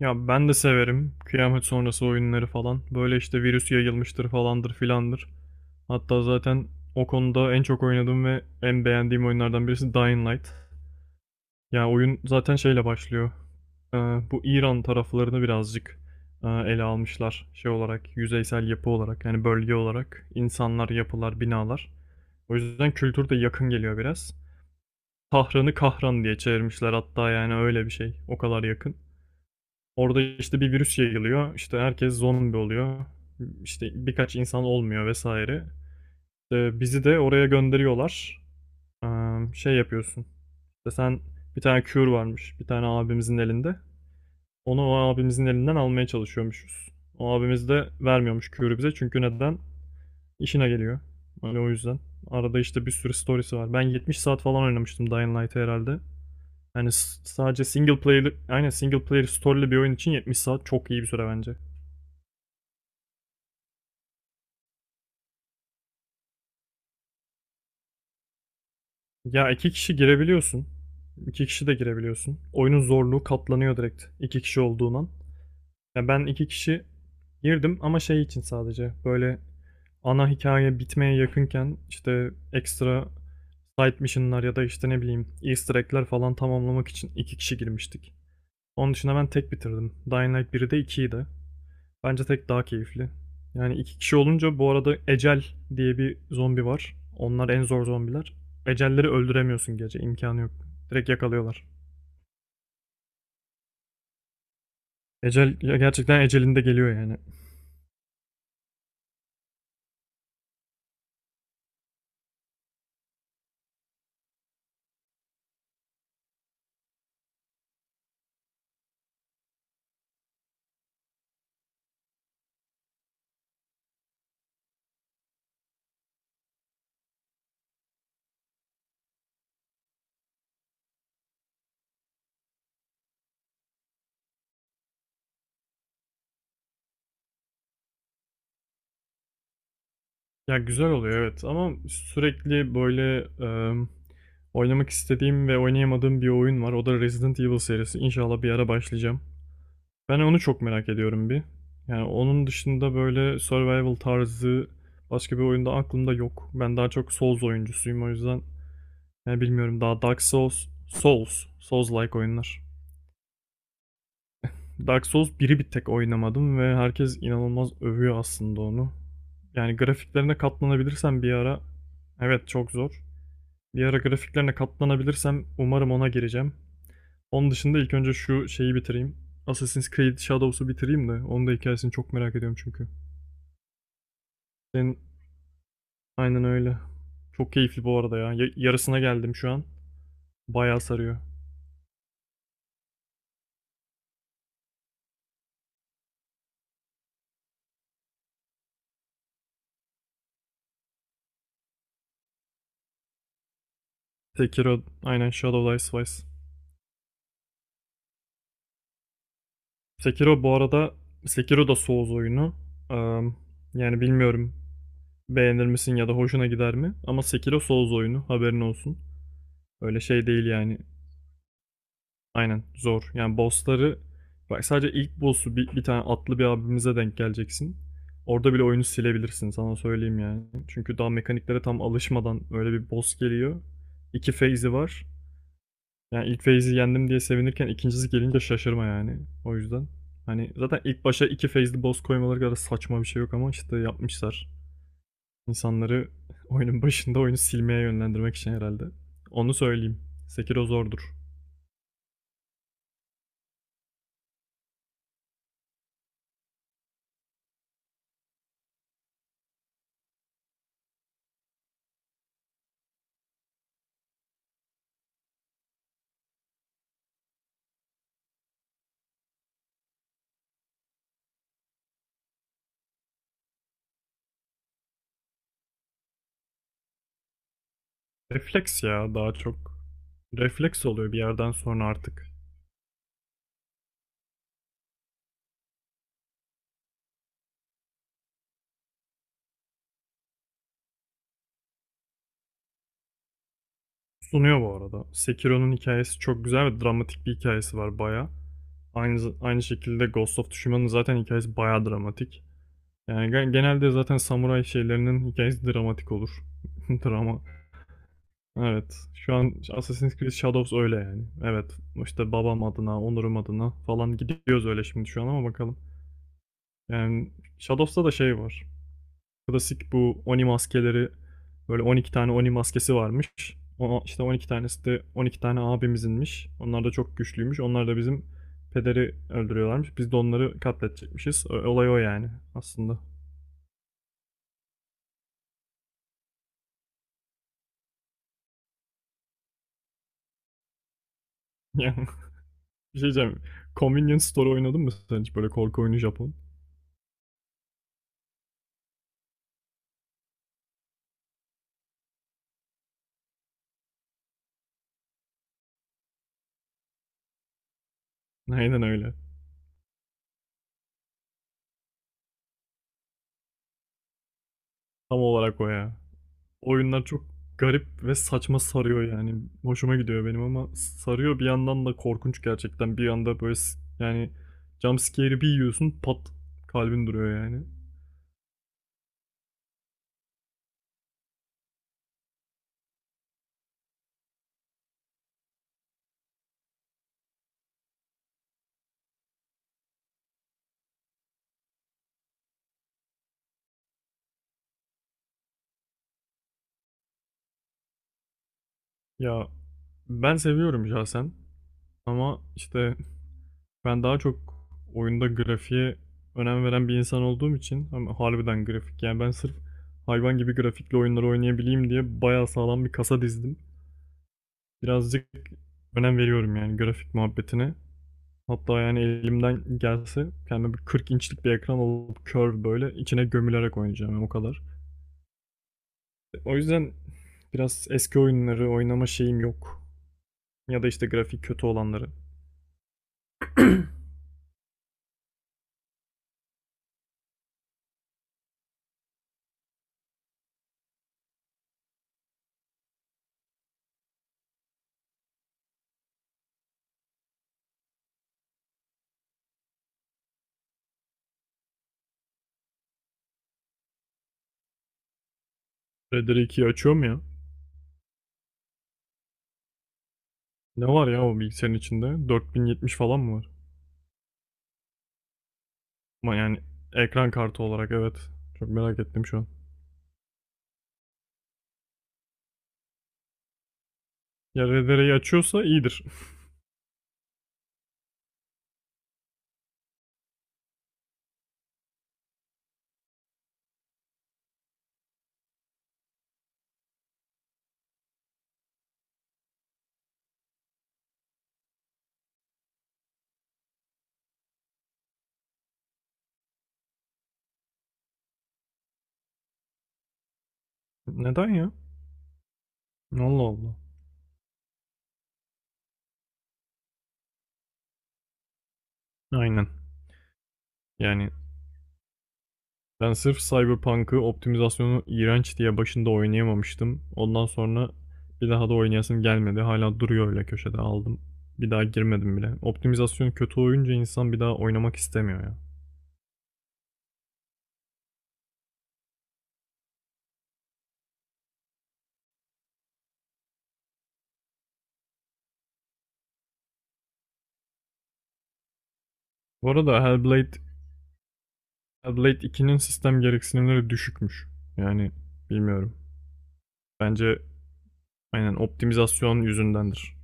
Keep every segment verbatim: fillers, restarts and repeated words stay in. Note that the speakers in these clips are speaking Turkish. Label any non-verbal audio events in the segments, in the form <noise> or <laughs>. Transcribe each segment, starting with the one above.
Ya ben de severim kıyamet sonrası oyunları falan. Böyle işte virüs yayılmıştır falandır filandır. Hatta zaten o konuda en çok oynadığım ve en beğendiğim oyunlardan birisi Dying Light. Ya oyun zaten şeyle başlıyor. Ee, bu İran taraflarını birazcık e, ele almışlar şey olarak, yüzeysel yapı olarak yani bölge olarak insanlar, yapılar, binalar. O yüzden kültür de yakın geliyor biraz. Tahran'ı Kahran diye çevirmişler hatta yani öyle bir şey. O kadar yakın. Orada işte bir virüs yayılıyor. İşte herkes zombi oluyor. İşte birkaç insan olmuyor vesaire. İşte bizi de oraya gönderiyorlar. Eee, şey yapıyorsun. İşte sen bir tane cure varmış. Bir tane abimizin elinde. Onu o abimizin elinden almaya çalışıyormuşuz. O abimiz de vermiyormuş cure'ü bize. Çünkü neden? İşine geliyor. Öyle o yüzden. Arada işte bir sürü storiesi var. Ben yetmiş saat falan oynamıştım Dying Light'ı herhalde. Yani sadece single player, aynen single player story'li bir oyun için yetmiş saat çok iyi bir süre bence. Ya iki kişi girebiliyorsun. İki kişi de girebiliyorsun. Oyunun zorluğu katlanıyor direkt iki kişi olduğundan. Ya ben iki kişi girdim ama şey için sadece böyle ana hikaye bitmeye yakınken işte ekstra side mission'lar ya da işte ne bileyim easter egg'ler falan tamamlamak için iki kişi girmiştik. Onun dışında ben tek bitirdim. Dying Light biri de ikiyi de. Bence tek daha keyifli. Yani iki kişi olunca bu arada Ecel diye bir zombi var. Onlar en zor zombiler. Ecelleri öldüremiyorsun gece. İmkanı yok. Direkt yakalıyorlar. Ecel ya gerçekten ecelinde geliyor yani. Ya güzel oluyor evet ama sürekli böyle e, oynamak istediğim ve oynayamadığım bir oyun var. O da Resident Evil serisi. İnşallah bir ara başlayacağım. Ben onu çok merak ediyorum bir. Yani onun dışında böyle survival tarzı başka bir oyunda aklımda yok. Ben daha çok Souls oyuncusuyum o yüzden. Yani bilmiyorum daha Dark Souls, Souls, Souls-like oyunlar. Dark Souls biri bir tek oynamadım ve herkes inanılmaz övüyor aslında onu. Yani grafiklerine katlanabilirsem bir ara, evet çok zor. Bir ara grafiklerine katlanabilirsem umarım ona gireceğim. Onun dışında ilk önce şu şeyi bitireyim. Assassin's Creed Shadows'u bitireyim de onun da hikayesini çok merak ediyorum çünkü. Senin aynen öyle. Çok keyifli bu arada ya. Ya- Yarısına geldim şu an. Bayağı sarıyor. Sekiro, aynen Shadow Dice Twice. Sekiro bu arada Sekiro da Souls oyunu. Eee, yani bilmiyorum beğenir misin ya da hoşuna gider mi? Ama Sekiro Souls oyunu haberin olsun. Öyle şey değil yani. Aynen zor. Yani bossları bak sadece ilk boss'u bir, bir tane atlı bir abimize denk geleceksin. Orada bile oyunu silebilirsin sana söyleyeyim yani. Çünkü daha mekaniklere tam alışmadan öyle bir boss geliyor. İki phase'i var. Yani ilk phase'i yendim diye sevinirken ikincisi gelince şaşırma yani. O yüzden. Hani zaten ilk başa iki phase'li boss koymaları kadar saçma bir şey yok ama işte yapmışlar. İnsanları <laughs> oyunun başında oyunu silmeye yönlendirmek için herhalde. Onu söyleyeyim. Sekiro zordur. Refleks ya daha çok. Refleks oluyor bir yerden sonra artık. Sunuyor bu arada. Sekiro'nun hikayesi çok güzel ve dramatik bir hikayesi var baya. Aynı, aynı şekilde Ghost of Tsushima'nın zaten hikayesi baya dramatik. Yani gen- genelde zaten samuray şeylerinin hikayesi dramatik olur. <laughs> Drama. Evet. Şu an Assassin's Creed Shadows öyle yani. Evet. İşte babam adına, onurum adına falan gidiyoruz öyle şimdi şu an ama bakalım. Yani Shadows'ta da şey var. Klasik bu Oni maskeleri, böyle on iki tane Oni maskesi varmış. O, işte on iki tanesi de on iki tane abimizinmiş. Onlar da çok güçlüymüş. Onlar da bizim pederi öldürüyorlarmış. Biz de onları katletecekmişiz. Ö- Olay o yani aslında. <laughs> Bir şey diyeceğim. Convenience Store oynadın mı sen hiç böyle korku oyunu Japon? Aynen öyle. Tam olarak o ya. Oyunlar çok garip ve saçma sarıyor yani. Hoşuma gidiyor benim ama sarıyor bir yandan da korkunç gerçekten. Bir yanda böyle s- yani jump scare'i bir yiyorsun pat, kalbin duruyor yani. Ya ben seviyorum şahsen ama işte ben daha çok oyunda grafiğe önem veren bir insan olduğum için ama harbiden grafik yani ben sırf hayvan gibi grafikli oyunları oynayabileyim diye bayağı sağlam bir kasa dizdim. Birazcık önem veriyorum yani grafik muhabbetine. Hatta yani elimden gelse kendime bir kırk inçlik bir ekran alıp curve böyle içine gömülerek oynayacağım yani o kadar. O yüzden biraz eski oyunları oynama şeyim yok. Ya da işte grafik kötü olanları. Red Dead ikiyi açıyorum ya. Ne var ya o bilgisayarın içinde? dört bin yetmiş falan mı var? Ama yani ekran kartı olarak evet. Çok merak ettim şu an. Ya R D R'yi açıyorsa iyidir. <laughs> Neden ya? Allah Allah. Aynen. Yani ben sırf Cyberpunk'ı optimizasyonu iğrenç diye başında oynayamamıştım. Ondan sonra bir daha da oynayasım gelmedi. Hala duruyor öyle köşede aldım. Bir daha girmedim bile. Optimizasyon kötü oyunca insan bir daha oynamak istemiyor ya. Bu arada Hellblade, Hellblade ikinin sistem gereksinimleri düşükmüş. Yani bilmiyorum. Bence aynen optimizasyon yüzündendir.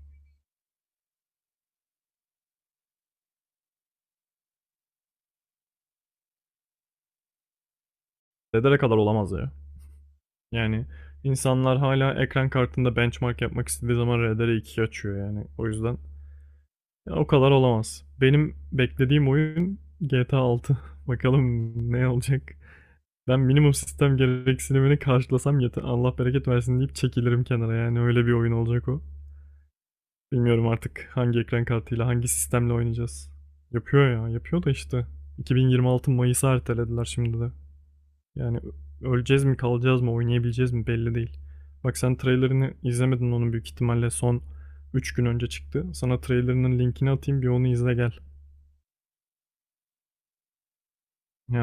R D R'ye kadar olamaz ya. Yani insanlar hala ekran kartında benchmark yapmak istediği zaman R D R iki açıyor yani. O yüzden ya o kadar olamaz. Benim beklediğim oyun G T A altı. <laughs> Bakalım ne olacak. Ben minimum sistem gereksinimini karşılasam yeter. Allah bereket versin deyip çekilirim kenara. Yani öyle bir oyun olacak o. Bilmiyorum artık hangi ekran kartıyla, hangi sistemle oynayacağız. Yapıyor ya, yapıyor da işte. iki bin yirmi altı Mayıs'a ertelediler şimdi de. Yani öleceğiz mi, kalacağız mı, oynayabileceğiz mi belli değil. Bak sen trailerini izlemedin onun büyük ihtimalle son üç gün önce çıktı. Sana trailerinin linkini atayım bir onu izle gel.